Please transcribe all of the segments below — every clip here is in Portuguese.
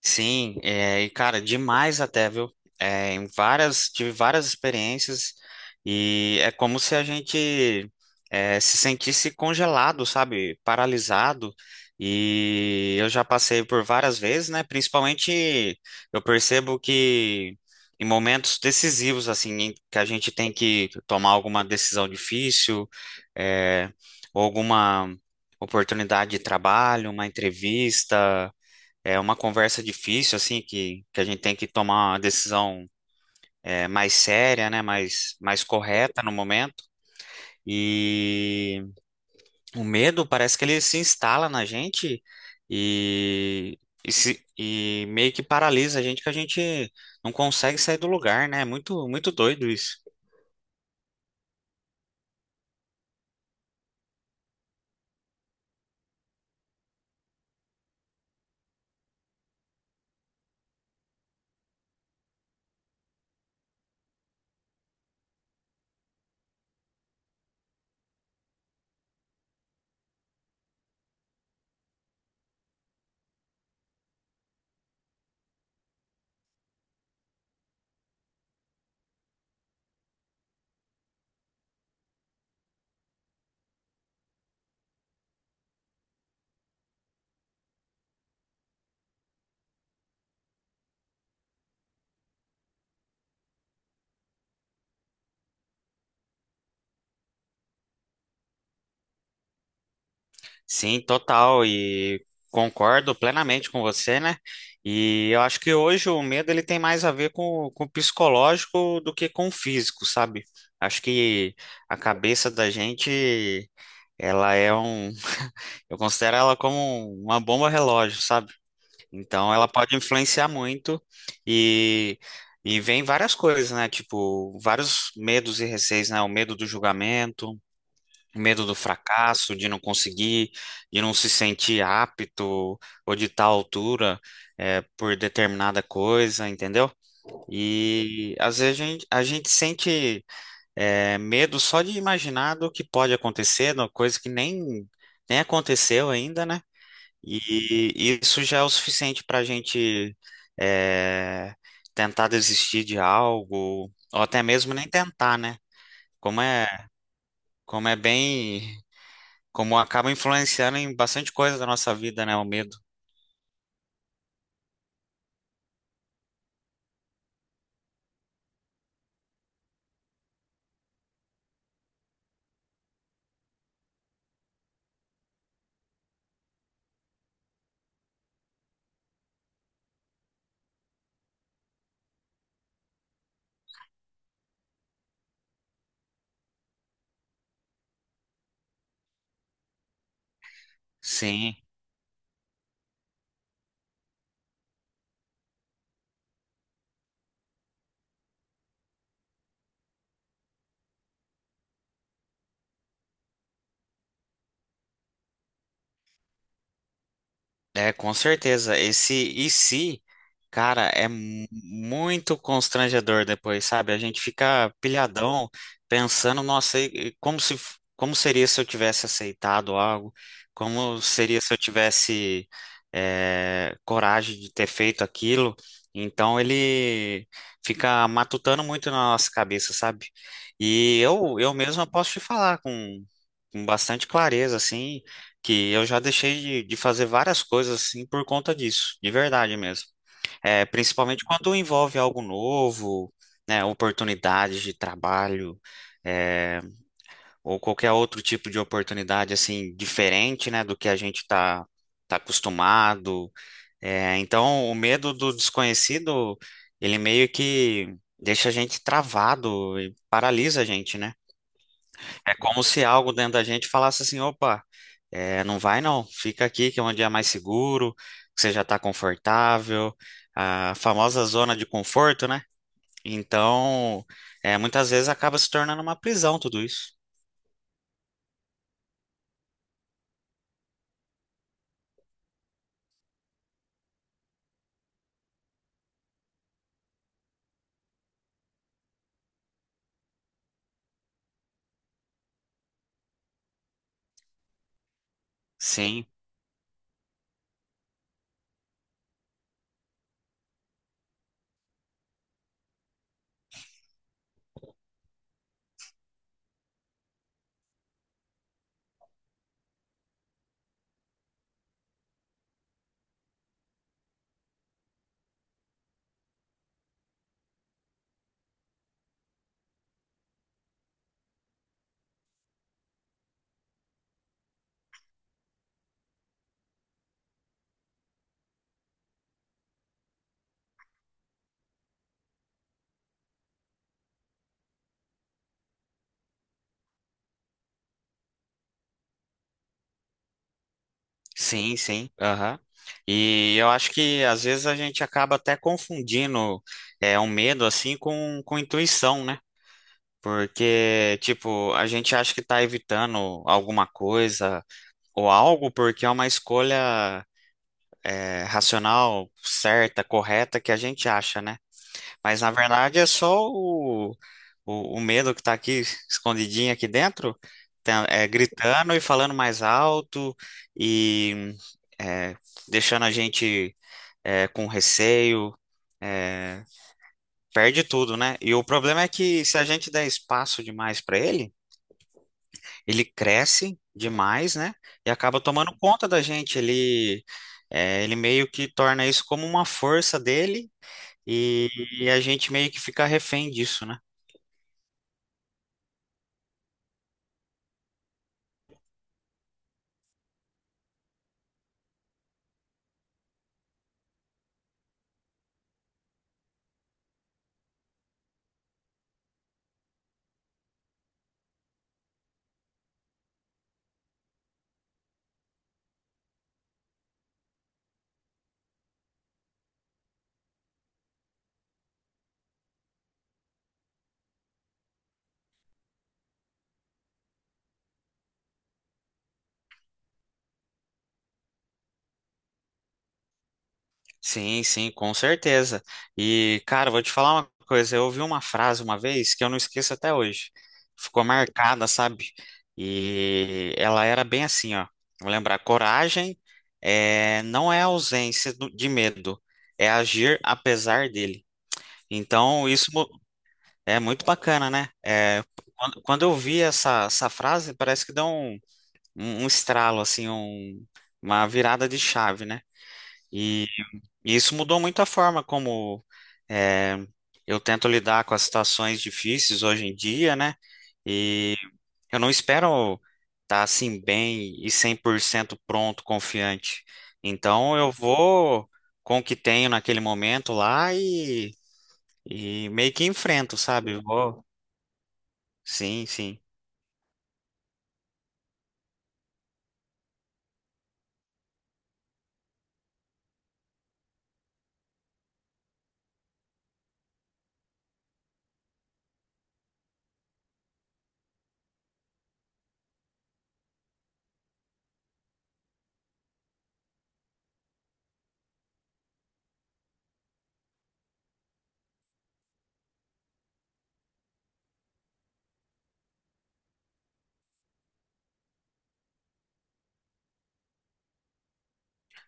Sim, e cara, demais até, viu? Em várias, tive várias experiências e é como se a gente se sentisse congelado, sabe? Paralisado. E eu já passei por várias vezes, né? Principalmente eu percebo que em momentos decisivos, assim, em que a gente tem que tomar alguma decisão difícil, é, ou alguma oportunidade de trabalho, uma entrevista. É uma conversa difícil, assim, que a gente tem que tomar uma decisão mais séria, né? Mais correta no momento. E o medo parece que ele se instala na gente e, e, se- e meio que paralisa a gente, que a gente não consegue sair do lugar, né? É muito, muito doido isso. Sim, total, e concordo plenamente com você, né? E eu acho que hoje o medo ele tem mais a ver com o psicológico do que com o físico, sabe? Acho que a cabeça da gente, ela é um, eu considero ela como uma bomba relógio, sabe? Então ela pode influenciar muito e vem várias coisas, né? Tipo, vários medos e receios, né? O medo do julgamento, medo do fracasso, de não conseguir, de não se sentir apto ou de tal altura por determinada coisa, entendeu? E às vezes a gente sente medo só de imaginar do que pode acontecer, uma coisa que nem, nem aconteceu ainda, né? E isso já é o suficiente para a gente é, tentar desistir de algo, ou até mesmo nem tentar, né? Como é, como é bem. Como acaba influenciando em bastante coisa da nossa vida, né? O medo. Sim. É, com certeza. Esse e se, cara, é muito constrangedor depois, sabe? A gente fica pilhadão pensando, nossa, e como se, como seria se eu tivesse aceitado algo? Como seria se eu tivesse, é, coragem de ter feito aquilo? Então ele fica matutando muito na nossa cabeça, sabe? E eu mesmo posso te falar com bastante clareza, assim que eu já deixei de fazer várias coisas assim por conta disso, de verdade mesmo. É, principalmente quando envolve algo novo, né, oportunidades de trabalho, é, ou qualquer outro tipo de oportunidade assim diferente, né, do que a gente tá acostumado. É, então, o medo do desconhecido, ele meio que deixa a gente travado e paralisa a gente, né? É como se algo dentro da gente falasse assim, opa, não vai não, fica aqui que é um dia mais seguro, que você já está confortável, a famosa zona de conforto, né? Então, muitas vezes acaba se tornando uma prisão tudo isso. Sim, sim, sim, aham. E eu acho que às vezes a gente acaba até confundindo um medo assim com intuição, né? Porque, tipo, a gente acha que tá evitando alguma coisa, ou algo porque é uma escolha racional, certa, correta que a gente acha, né? Mas na verdade é só o medo que está aqui escondidinho aqui dentro, tá, gritando e falando mais alto e é, deixando a gente com receio. é, Perde tudo, né? E o problema é que se a gente der espaço demais para ele ele cresce demais, né? E acaba tomando conta da gente. Ele, ele meio que torna isso como uma força dele e, e a gente meio que fica refém disso, né? Sim, sim, com certeza. E, cara, vou te falar uma coisa. Eu ouvi uma frase uma vez que eu não esqueço até hoje. Ficou marcada, sabe? E ela era bem assim, ó. Vou lembrar, coragem não é ausência de medo, é agir apesar dele. Então, isso, é muito bacana, né? É, quando eu vi essa frase, parece que deu um estralo, assim, uma virada de chave, né? E, e isso mudou muito a forma como é, eu tento lidar com as situações difíceis hoje em dia, né? E eu não espero estar assim bem e 100% pronto, confiante. Então eu vou com o que tenho naquele momento lá e meio que enfrento, sabe? Vou. Sim, sim.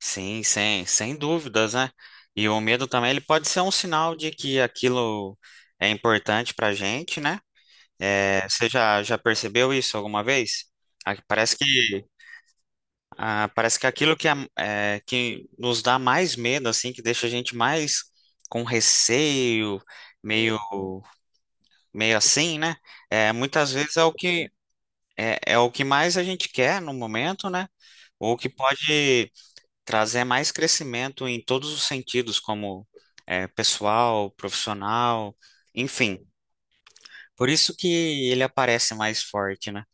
Sim, sem, sem dúvidas, né? E o medo também, ele pode ser um sinal de que aquilo é importante pra gente, né? É, você já, já percebeu isso alguma vez? Ah, parece que, ah, parece que aquilo que nos dá mais medo, assim, que deixa a gente mais com receio, meio, meio assim, né? É, muitas vezes é o é o que mais a gente quer no momento, né? Ou que pode trazer mais crescimento em todos os sentidos, como pessoal, profissional, enfim. Por isso que ele aparece mais forte, né?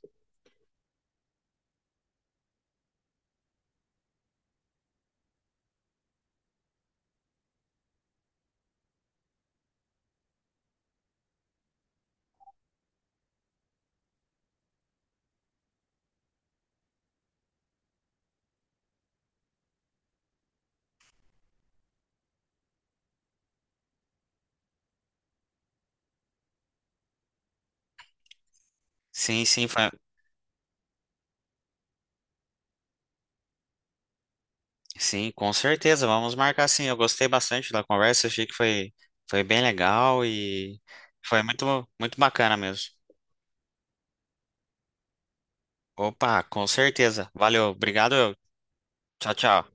Sim, sim, sim, com certeza. Vamos marcar sim. Eu gostei bastante da conversa, foi bem legal e foi muito, muito bacana mesmo. Opa, com certeza. Valeu, obrigado. Eu. Tchau, tchau.